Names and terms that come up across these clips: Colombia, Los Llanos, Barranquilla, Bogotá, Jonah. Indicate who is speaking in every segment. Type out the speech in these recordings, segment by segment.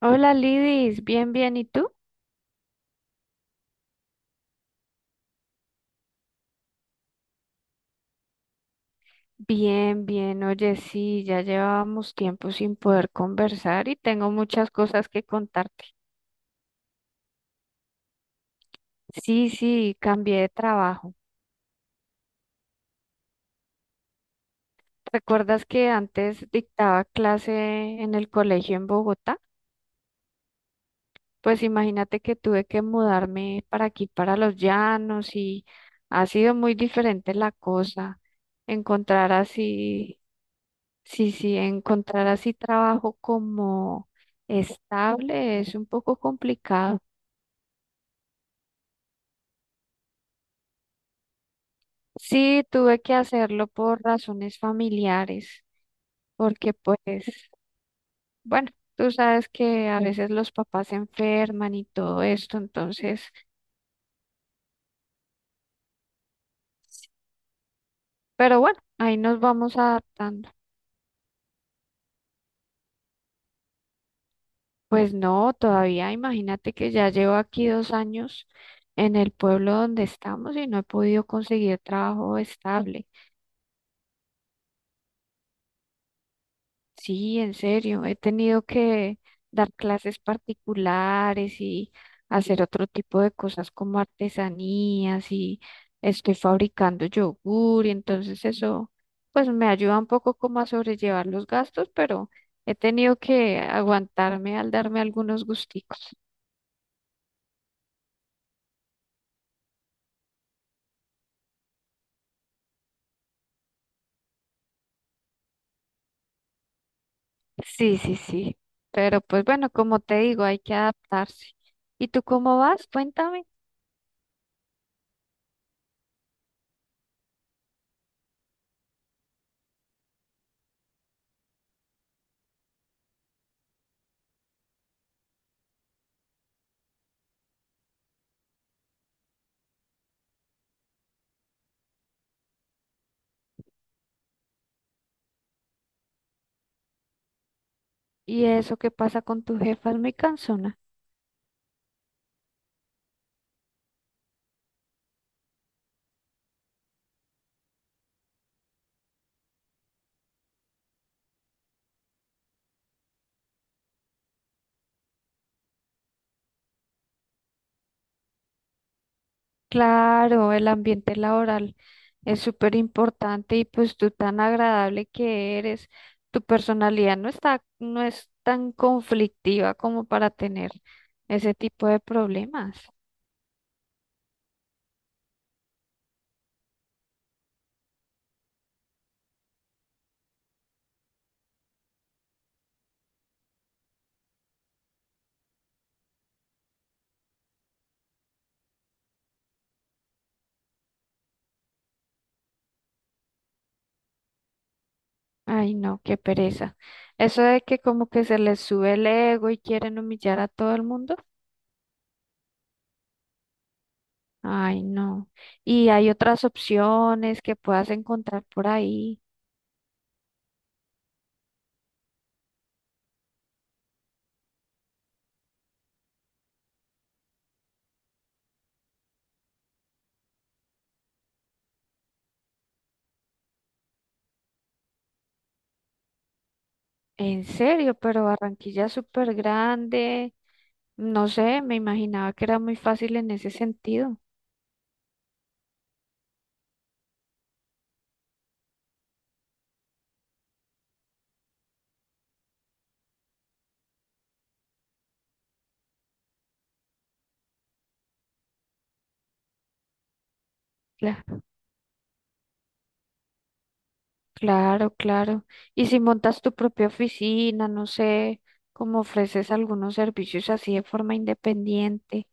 Speaker 1: Hola Lidis, bien, bien, ¿y tú? Bien, bien, oye, sí, ya llevábamos tiempo sin poder conversar y tengo muchas cosas que contarte. Sí, sí, cambié de trabajo. ¿Recuerdas que antes dictaba clase en el colegio en Bogotá? Pues imagínate que tuve que mudarme para aquí, para Los Llanos, y ha sido muy diferente la cosa. Encontrar así Sí, sí, encontrar así trabajo como estable es un poco complicado. Sí, tuve que hacerlo por razones familiares, porque pues, bueno, tú sabes que a veces los papás se enferman y todo esto, entonces, pero bueno, ahí nos vamos adaptando. Pues no, todavía imagínate que ya llevo aquí 2 años en el pueblo donde estamos y no he podido conseguir trabajo estable. Sí, en serio, he tenido que dar clases particulares y hacer otro tipo de cosas como artesanías y estoy fabricando yogur y entonces eso pues me ayuda un poco como a sobrellevar los gastos, pero he tenido que aguantarme al darme algunos gusticos. Sí, sí, sí, pero pues bueno, como te digo, hay que adaptarse. ¿Y tú cómo vas? Cuéntame. ¿Y eso qué pasa con tu jefa? Es muy cansona. Claro, el ambiente laboral es súper importante y pues tú tan agradable que eres, tu personalidad no está, no es tan conflictiva como para tener ese tipo de problemas. Ay, no, qué pereza. Eso de que como que se les sube el ego y quieren humillar a todo el mundo. Ay, no. Y hay otras opciones que puedas encontrar por ahí. En serio, pero Barranquilla es súper grande. No sé, me imaginaba que era muy fácil en ese sentido. Cla- Claro, claro. Y si montas tu propia oficina, no sé, cómo ofreces algunos servicios así de forma independiente.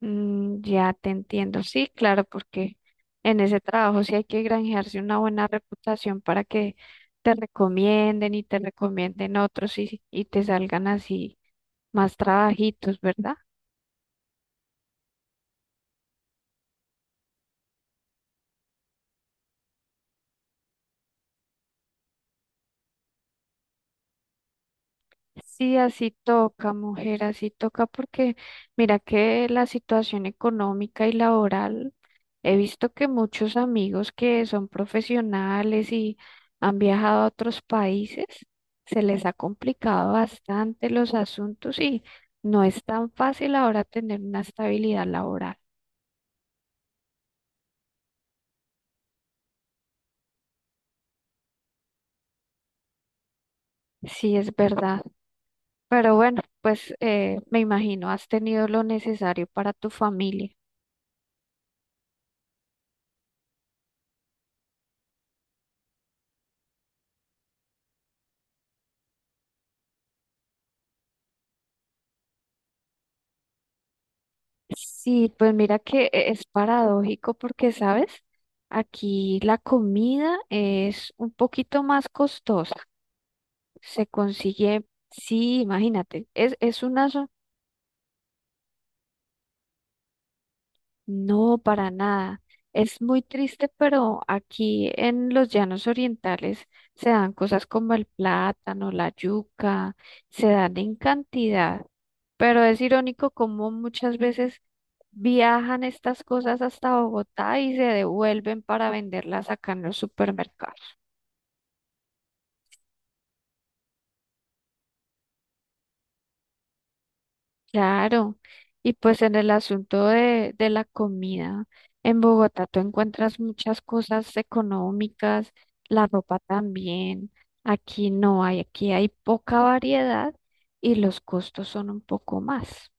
Speaker 1: Mm, ya te entiendo. Sí, claro, porque en ese trabajo sí hay que granjearse una buena reputación para que te recomienden y te recomienden otros y te salgan así más trabajitos, ¿verdad? Sí, así toca, mujer, así toca porque mira que la situación económica y laboral, he visto que muchos amigos que son profesionales y han viajado a otros países, se les ha complicado bastante los asuntos y no es tan fácil ahora tener una estabilidad laboral. Sí, es verdad. Pero bueno, pues me imagino, has tenido lo necesario para tu familia. Sí, pues mira que es paradójico porque, ¿sabes? Aquí la comida es un poquito más costosa. Se consigue, sí, imagínate, es una... No, para nada. Es muy triste, pero aquí en los llanos orientales se dan cosas como el plátano, la yuca, se dan en cantidad, pero es irónico como muchas veces viajan estas cosas hasta Bogotá y se devuelven para venderlas acá en los supermercados. Claro, y pues en el asunto de la comida, en Bogotá tú encuentras muchas cosas económicas, la ropa también, aquí no hay, aquí hay poca variedad y los costos son un poco más.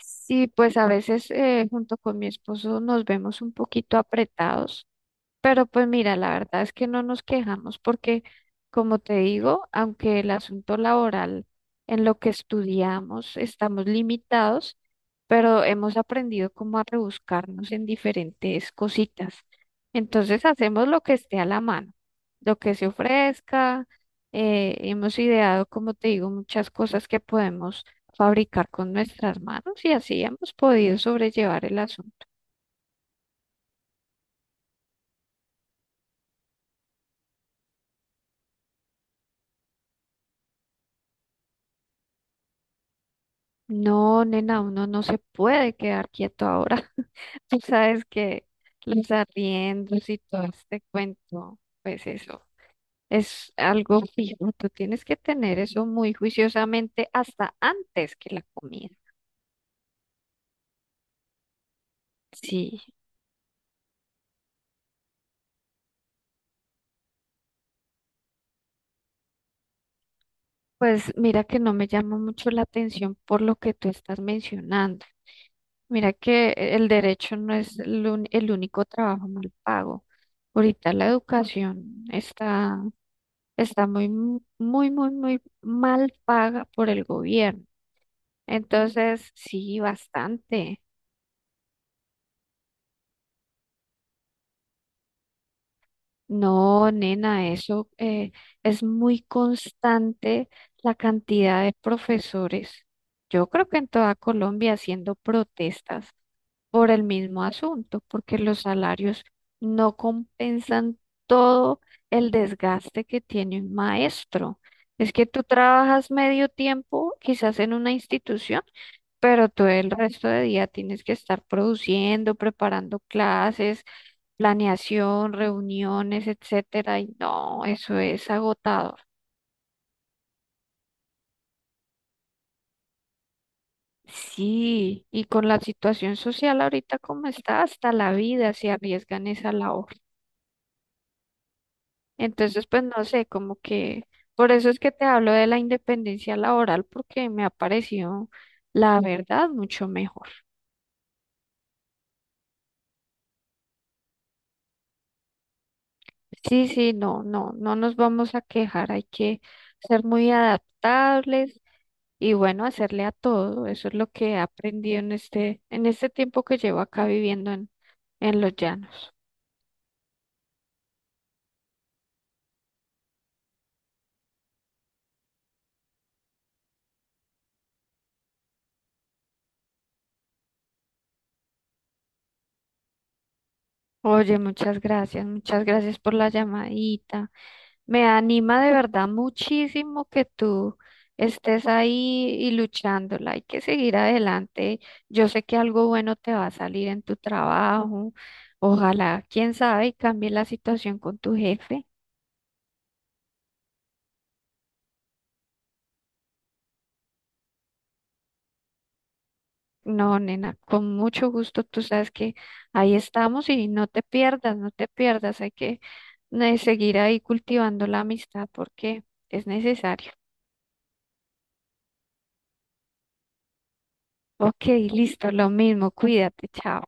Speaker 1: Sí, pues a veces junto con mi esposo nos vemos un poquito apretados. Pero pues mira, la verdad es que no nos quejamos porque, como te digo, aunque el asunto laboral en lo que estudiamos estamos limitados, pero hemos aprendido cómo a rebuscarnos en diferentes cositas. Entonces hacemos lo que esté a la mano, lo que se ofrezca. Hemos ideado, como te digo, muchas cosas que podemos fabricar con nuestras manos y así hemos podido sobrellevar el asunto. No, nena, uno no se puede quedar quieto ahora. Tú sabes que los arriendos y todo este cuento, pues eso es algo fijo. Tú tienes que tener eso muy juiciosamente hasta antes que la comida. Sí, pues mira que no me llama mucho la atención por lo que tú estás mencionando. Mira que el derecho no es el único trabajo mal pago. Ahorita la educación está muy, muy mal paga por el gobierno. Entonces, sí, bastante. No, nena, eso es muy constante la cantidad de profesores. Yo creo que en toda Colombia haciendo protestas por el mismo asunto, porque los salarios no compensan todo el desgaste que tiene un maestro. Es que tú trabajas medio tiempo, quizás en una institución, pero todo el resto de día tienes que estar produciendo, preparando clases, planeación, reuniones, etcétera, y no, eso es agotador. Sí, y con la situación social ahorita como está, hasta la vida se arriesga en esa labor. Entonces, pues no sé, como que por eso es que te hablo de la independencia laboral, porque me ha parecido, la verdad, mucho mejor. Sí, sí, no, no, no nos vamos a quejar, hay que ser muy adaptables y bueno, hacerle a todo. Eso es lo que he aprendido en este tiempo que llevo acá viviendo en los llanos. Oye, muchas gracias por la llamadita. Me anima de verdad muchísimo que tú estés ahí y luchándola. Hay que seguir adelante. Yo sé que algo bueno te va a salir en tu trabajo. Ojalá, quién sabe, y cambie la situación con tu jefe. No, nena, con mucho gusto. Tú sabes que ahí estamos y no te pierdas, no te pierdas. Hay que seguir ahí cultivando la amistad porque es necesario. Ok, listo, lo mismo. Cuídate, chao.